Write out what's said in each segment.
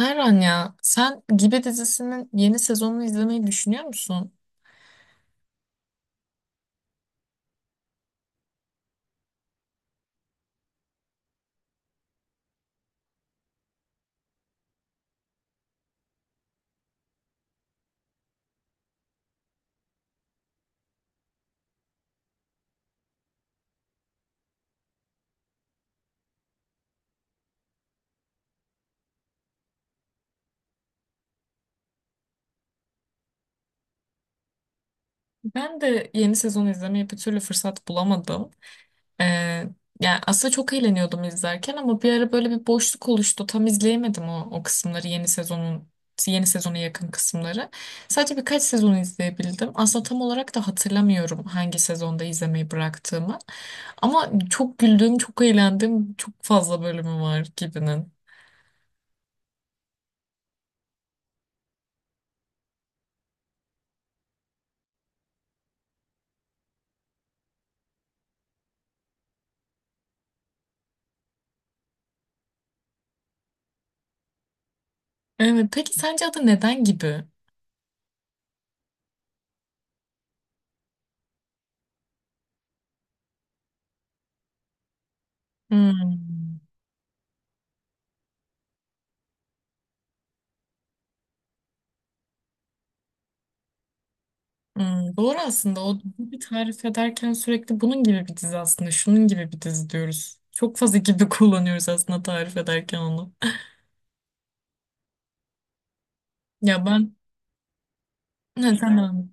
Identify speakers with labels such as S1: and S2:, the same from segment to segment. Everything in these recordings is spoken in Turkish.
S1: Erhan ya sen Gibi dizisinin yeni sezonunu izlemeyi düşünüyor musun? Ben de yeni sezonu izlemeye bir türlü fırsat bulamadım. Ee, Yani aslında çok eğleniyordum izlerken ama bir ara böyle bir boşluk oluştu. Tam izleyemedim o kısımları yeni sezonun yeni sezona yakın kısımları. Sadece birkaç sezonu izleyebildim. Aslında tam olarak da hatırlamıyorum hangi sezonda izlemeyi bıraktığımı. Ama çok güldüğüm, çok eğlendiğim çok fazla bölümü var Gibi'nin. Evet, peki sence adı neden Gibi? Hmm. Hmm, doğru aslında o bir tarif ederken sürekli bunun gibi bir dizi aslında şunun gibi bir dizi diyoruz. Çok fazla gibi kullanıyoruz aslında tarif ederken onu. Ya ben ne tamam.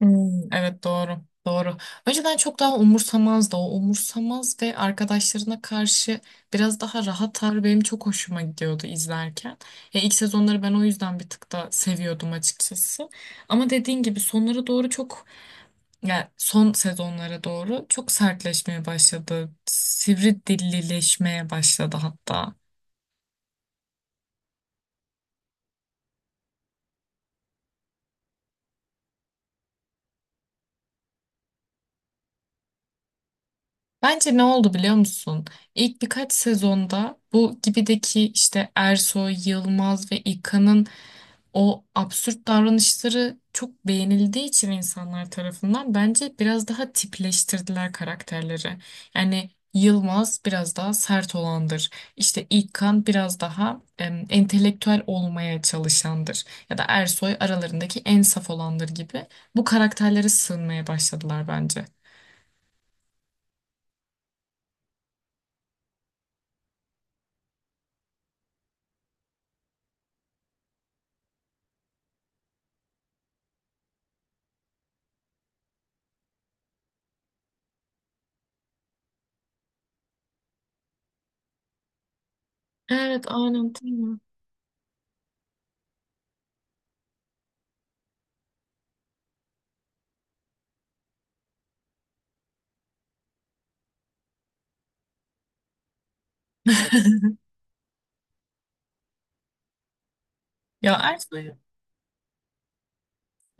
S1: Hmm, evet doğru. Doğru. Önceden çok daha umursamazdı, o umursamaz ve arkadaşlarına karşı biraz daha rahat tavrı benim çok hoşuma gidiyordu izlerken. Ya ilk sezonları ben o yüzden bir tık da seviyordum açıkçası. Ama dediğin gibi sonlara doğru çok, yani son sezonlara doğru çok sertleşmeye başladı. Sivri dillileşmeye başladı hatta. Bence ne oldu biliyor musun? İlk birkaç sezonda bu gibideki işte Ersoy, Yılmaz ve İlkan'ın o absürt davranışları çok beğenildiği için insanlar tarafından bence biraz daha tipleştirdiler karakterleri. Yani Yılmaz biraz daha sert olandır. İşte İlkan biraz daha entelektüel olmaya çalışandır. Ya da Ersoy aralarındaki en saf olandır gibi. Bu karakterlere sığınmaya başladılar bence. Evet, aynen değil mi? Ya Ersoy'u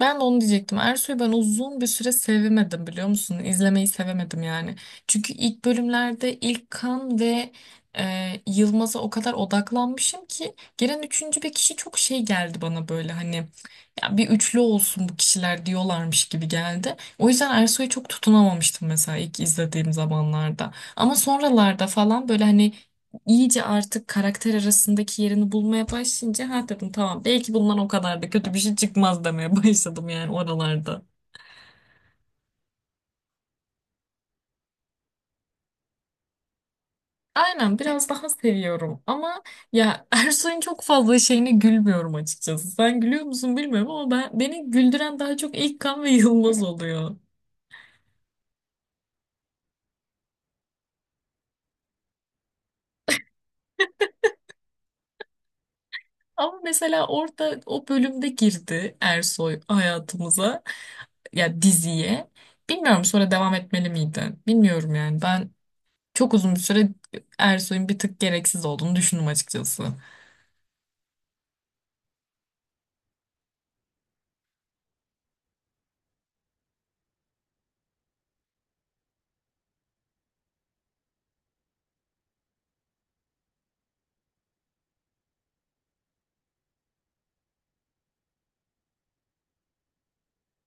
S1: ben de onu diyecektim. Ersoy'u ben uzun bir süre sevemedim biliyor musun? İzlemeyi sevemedim yani. Çünkü ilk bölümlerde ilk kan ve e, Yılmaz'a o kadar odaklanmışım ki gelen üçüncü bir kişi çok şey geldi bana böyle hani ya bir üçlü olsun bu kişiler diyorlarmış gibi geldi. O yüzden Ersoy'u çok tutunamamıştım mesela ilk izlediğim zamanlarda. Ama sonralarda falan böyle hani iyice artık karakter arasındaki yerini bulmaya başlayınca ha dedim tamam belki bundan o kadar da kötü bir şey çıkmaz demeye başladım yani oralarda. Aynen biraz daha seviyorum ama ya Ersoy'un çok fazla şeyine gülmüyorum açıkçası. Sen gülüyor musun bilmiyorum ama ben beni güldüren daha çok İlkan ve Yılmaz oluyor. Ama mesela orada o bölümde girdi Ersoy hayatımıza, ya diziye. Bilmiyorum sonra devam etmeli miydi? Bilmiyorum yani. Ben çok uzun bir süre Ersoy'un bir tık gereksiz olduğunu düşündüm açıkçası.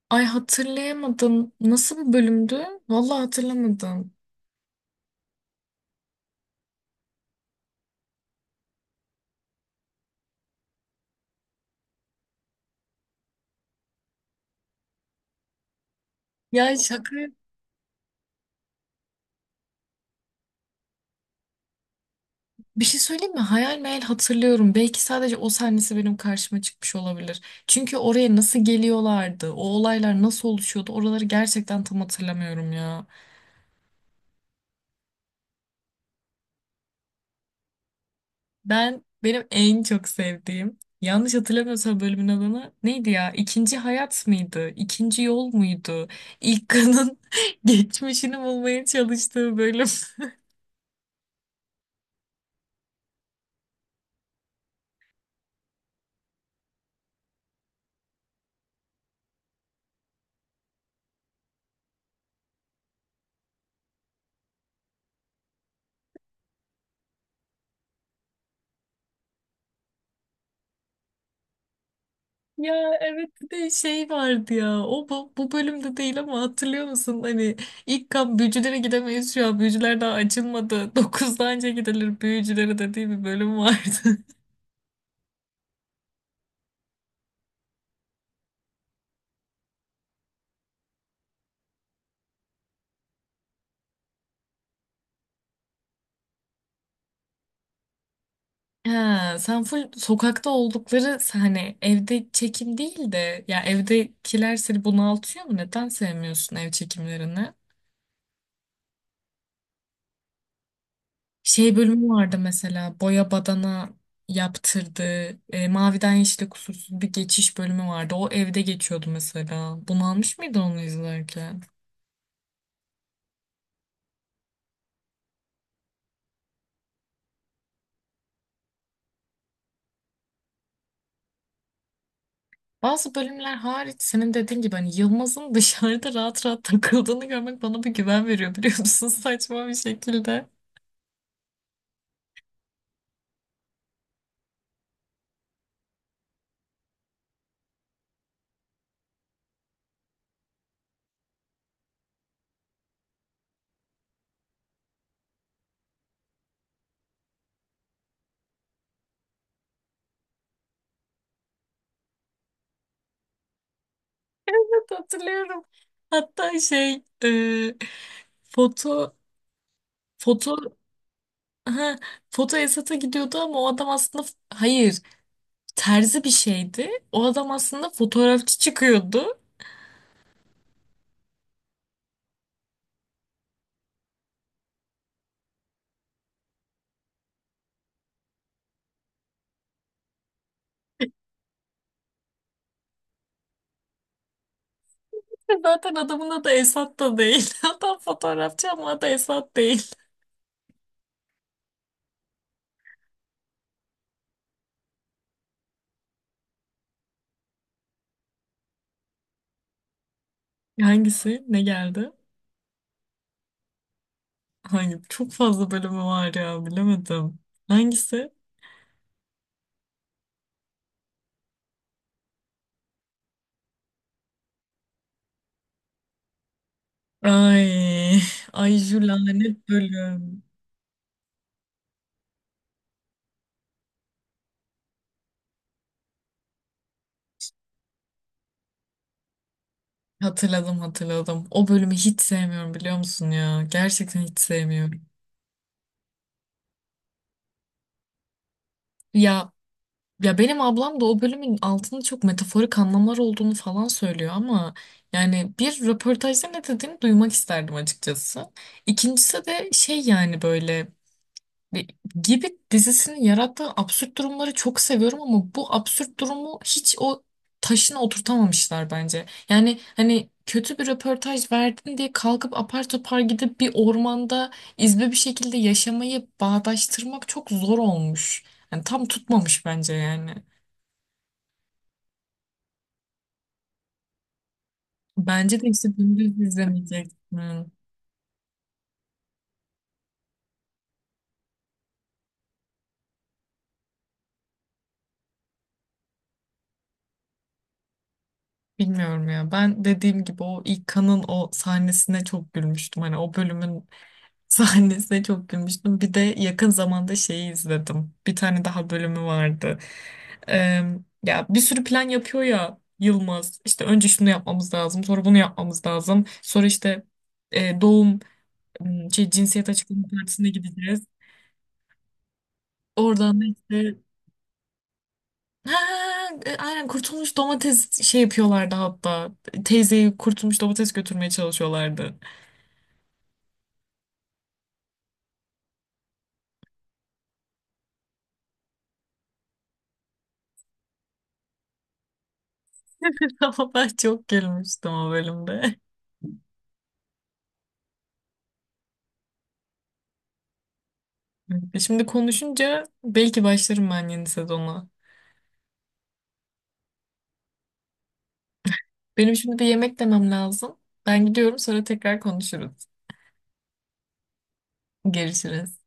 S1: Ay hatırlayamadım. Nasıl bir bölümdü? Vallahi hatırlamadım. Ya şaka. Bir şey söyleyeyim mi? Hayal meyal hatırlıyorum. Belki sadece o sahnesi benim karşıma çıkmış olabilir. Çünkü oraya nasıl geliyorlardı? O olaylar nasıl oluşuyordu? Oraları gerçekten tam hatırlamıyorum ya. Benim en çok sevdiğim, yanlış hatırlamıyorsam, bölümün adını neydi ya? İkinci hayat mıydı? İkinci yol muydu? İlk kanın geçmişini bulmaya çalıştığı bölüm. Ya evet bir de şey vardı ya o bu bölümde değil ama hatırlıyor musun hani ilk kan büyücülere gidemeyiz şu an büyücüler daha açılmadı dokuzda anca gidilir büyücülere dediği bir bölüm vardı. Ha, sen full sokakta oldukları, hani evde çekim değil de, ya evdekiler seni bunaltıyor mu? Neden sevmiyorsun ev çekimlerini? Şey bölümü vardı mesela boya badana yaptırdığı, maviden yeşile kusursuz bir geçiş bölümü vardı. O evde geçiyordu mesela. Bunalmış mıydın onu izlerken? Bazı bölümler hariç senin dediğin gibi hani Yılmaz'ın dışarıda rahat rahat takıldığını görmek bana bir güven veriyor biliyor musun? Saçma bir şekilde. Evet, hatırlıyorum. Hatta şey foto foto ha, foto Esat'a gidiyordu ama o adam aslında hayır, terzi bir şeydi. O adam aslında fotoğrafçı çıkıyordu. Zaten adamın adı Esat da değil. Adam fotoğrafçı ama adı Esat değil. Hangisi? Ne geldi? Hangi? Çok fazla bölümü var ya bilemedim. Hangisi? Ay, ay şu lanet bölüm. Hatırladım, hatırladım. O bölümü hiç sevmiyorum biliyor musun ya? Gerçekten hiç sevmiyorum. Ya ya benim ablam da o bölümün altında çok metaforik anlamlar olduğunu falan söylüyor ama yani bir röportajda ne dediğini duymak isterdim açıkçası. İkincisi de şey, yani böyle ve gibi dizisinin yarattığı absürt durumları çok seviyorum ama bu absürt durumu hiç o taşına oturtamamışlar bence. Yani hani kötü bir röportaj verdin diye kalkıp apar topar gidip bir ormanda izbe bir şekilde yaşamayı bağdaştırmak çok zor olmuş. Yani tam tutmamış bence yani. Bence de işte dümdüz izlemeyeceksin. Bilmiyorum ya. Ben dediğim gibi o ilk kanın o sahnesine çok gülmüştüm. Hani o bölümün sahnesine çok gülmüştüm. Bir de yakın zamanda şeyi izledim. Bir tane daha bölümü vardı. Ee, Ya bir sürü plan yapıyor ya Yılmaz. İşte önce şunu yapmamız lazım, sonra bunu yapmamız lazım. Sonra işte e, doğum şey cinsiyet açıklama partisine gideceğiz. Oradan da işte ha, aynen kurtulmuş domates şey yapıyorlardı hatta. Teyzeyi kurtulmuş domates götürmeye çalışıyorlardı. Ama ben çok gülmüştüm o bölümde. E şimdi konuşunca belki başlarım ben yeni sezona. Benim şimdi bir yemek demem lazım. Ben gidiyorum sonra tekrar konuşuruz. Görüşürüz.